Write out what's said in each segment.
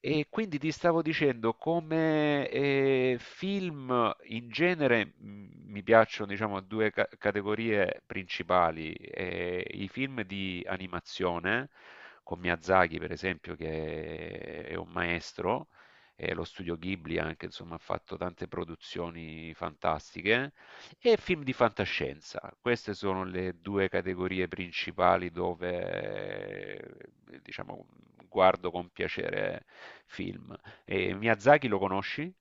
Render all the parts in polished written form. E quindi ti stavo dicendo, come film in genere, mi piacciono, diciamo, due categorie principali. I film di animazione, con Miyazaki, per esempio, che è un maestro, e lo studio Ghibli anche, insomma, ha fatto tante produzioni fantastiche. E film di fantascienza. Queste sono le 2 categorie principali dove, diciamo, guardo con piacere film. E Miyazaki lo conosci?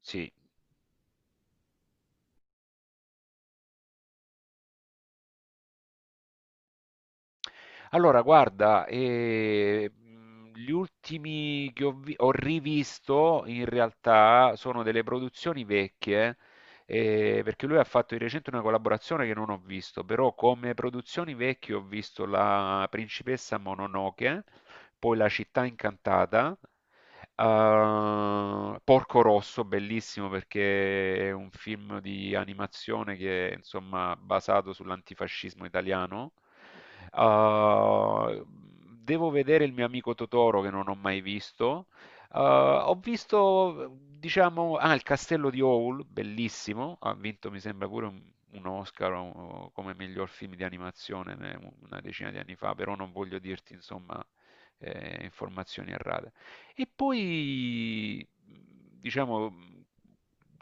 Sì. Allora, guarda, gli ultimi che ho rivisto in realtà sono delle produzioni vecchie, perché lui ha fatto di recente una collaborazione che non ho visto, però come produzioni vecchie ho visto La principessa Mononoke, poi La città incantata, Porco Rosso, bellissimo perché è un film di animazione che è insomma basato sull'antifascismo italiano. Uh, Devo vedere Il mio amico Totoro, che non ho mai visto. Ho visto, diciamo, Il castello di Howl, bellissimo, ha vinto mi sembra pure un Oscar come miglior film di animazione, una decina di anni fa, però non voglio dirti insomma informazioni errate. E poi, diciamo,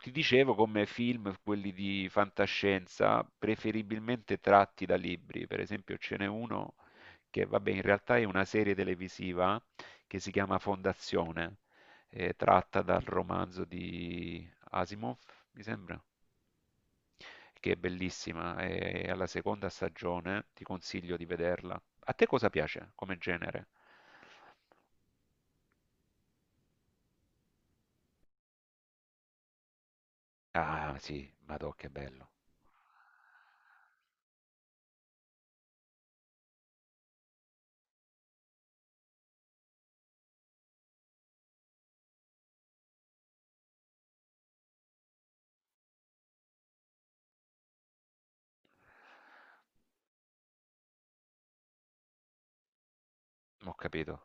ti dicevo come film, quelli di fantascienza, preferibilmente tratti da libri. Per esempio, ce n'è uno che, vabbè, in realtà è una serie televisiva che si chiama Fondazione, tratta dal romanzo di Asimov, mi sembra, che è bellissima. È alla seconda stagione, ti consiglio di vederla. A te cosa piace come genere? Ah, sì, madò che bello. Ho capito.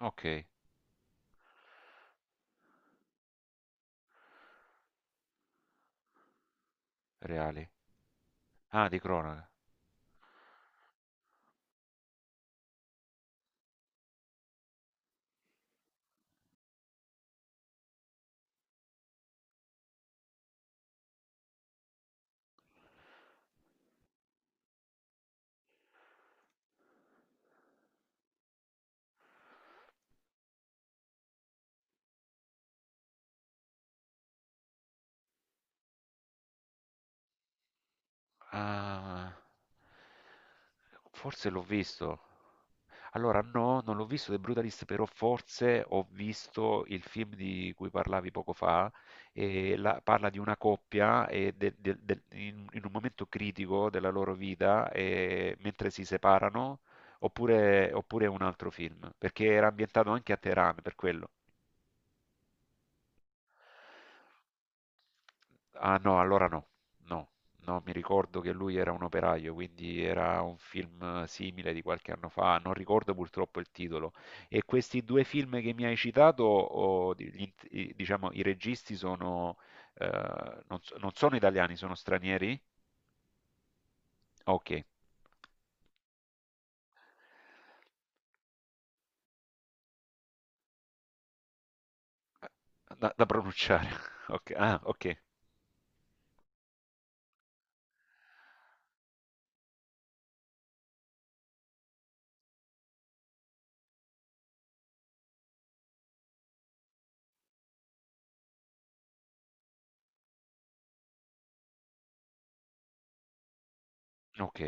Okay. Reali. Ah, di cronaca. Ah. Forse l'ho visto. Allora no, non l'ho visto The Brutalist, però forse ho visto il film di cui parlavi poco fa, e la parla di una coppia e de del del in un momento critico della loro vita, mentre si separano, oppure è un altro film, perché era ambientato anche a Teheran, per quello. Ah no, allora no, no, no, mi ricordo che lui era un operaio, quindi era un film simile di qualche anno fa, non ricordo purtroppo il titolo. E questi due film che mi hai citato, o di- gli int- i- diciamo, i registi sono, non sono italiani, sono stranieri? Ok. Da, da pronunciare. Ok, ah, ok, ok.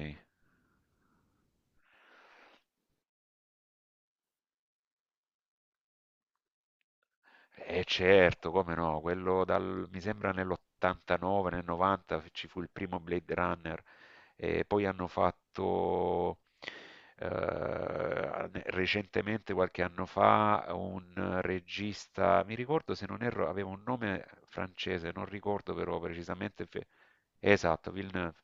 E certo, come no, quello dal, mi sembra nell'89, nel 90 ci fu il primo Blade Runner e poi hanno fatto recentemente, qualche anno fa, un regista, mi ricordo se non erro, aveva un nome francese, non ricordo però precisamente, esatto, Villeneuve,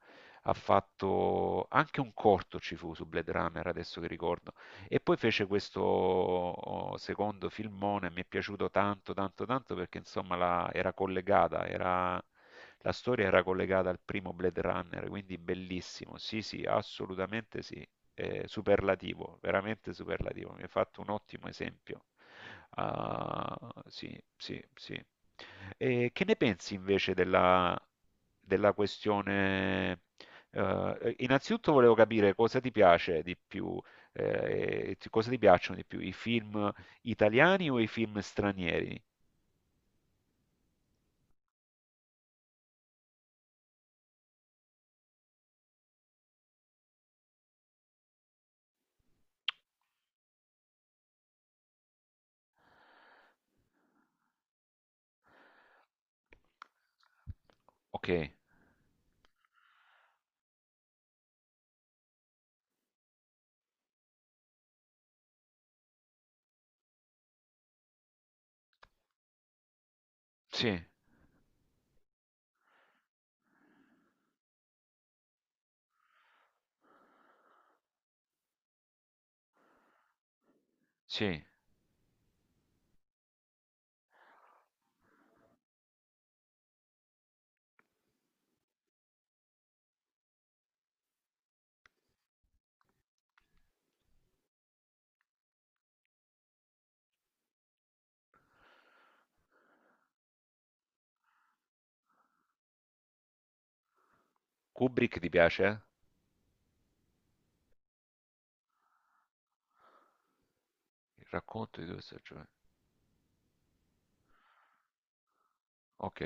ha fatto anche un corto ci fu su Blade Runner, adesso che ricordo, e poi fece questo, secondo filmone, mi è piaciuto tanto, tanto, tanto, perché insomma era collegata, la storia era collegata al primo Blade Runner, quindi bellissimo. Sì, sì, assolutamente sì. Superlativo, veramente superlativo. Mi hai fatto un ottimo esempio. Ah, sì, sì, sì. E che ne pensi invece della, della questione? Innanzitutto volevo capire cosa ti piace di più, cosa ti piacciono di più? I film italiani o i film stranieri? Ok, sì, sì. Kubrick ti piace, eh? Il racconto di due stagioni. Ok,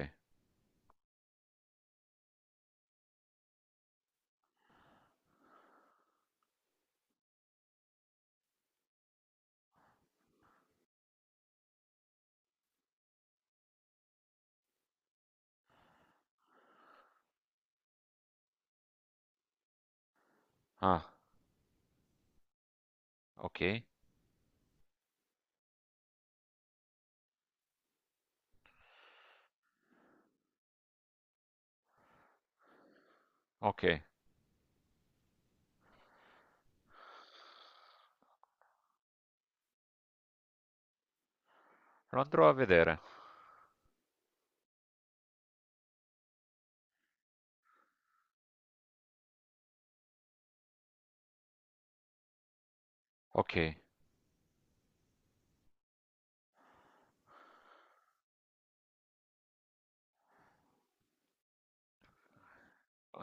ah, ok, ok. Lo andrò a vedere. Ok.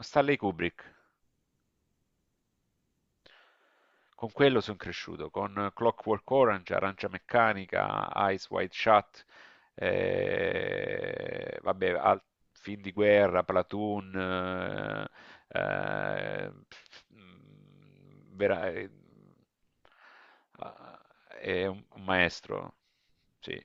Stanley Kubrick. Con quello sono cresciuto, con Clockwork Orange, Arancia Meccanica, Eyes Wide Shut, vabbè, film di guerra, Platoon, pff, mm, vera- ah, è un maestro, sì,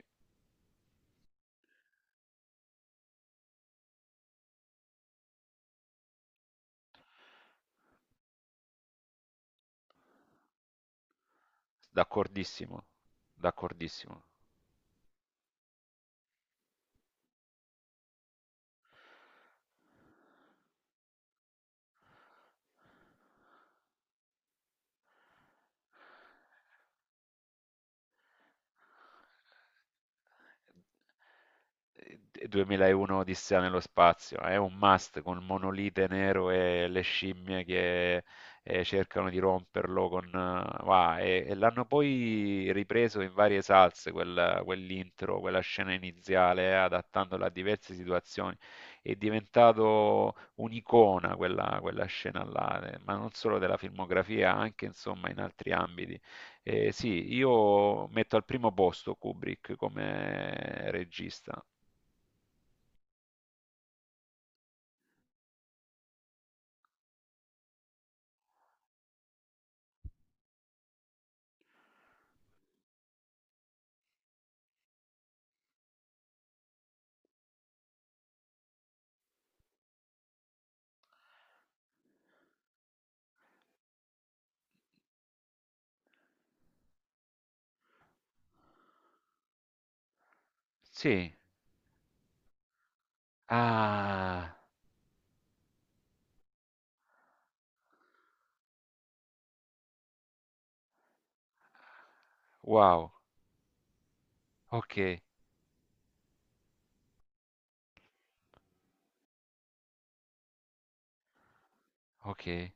d'accordissimo, d'accordissimo. Ehm, 2001 Odissea nello spazio è un must, con il monolite nero e le scimmie che cercano di romperlo con... va, e l'hanno poi ripreso in varie salse, quell'intro, quella scena iniziale, adattandola a diverse situazioni. È diventato un'icona quella, quella scena là, ma non solo della filmografia, anche insomma in altri ambiti. Sì, io metto al primo posto Kubrick come regista. Sì. Ah, wow. Okay, okay.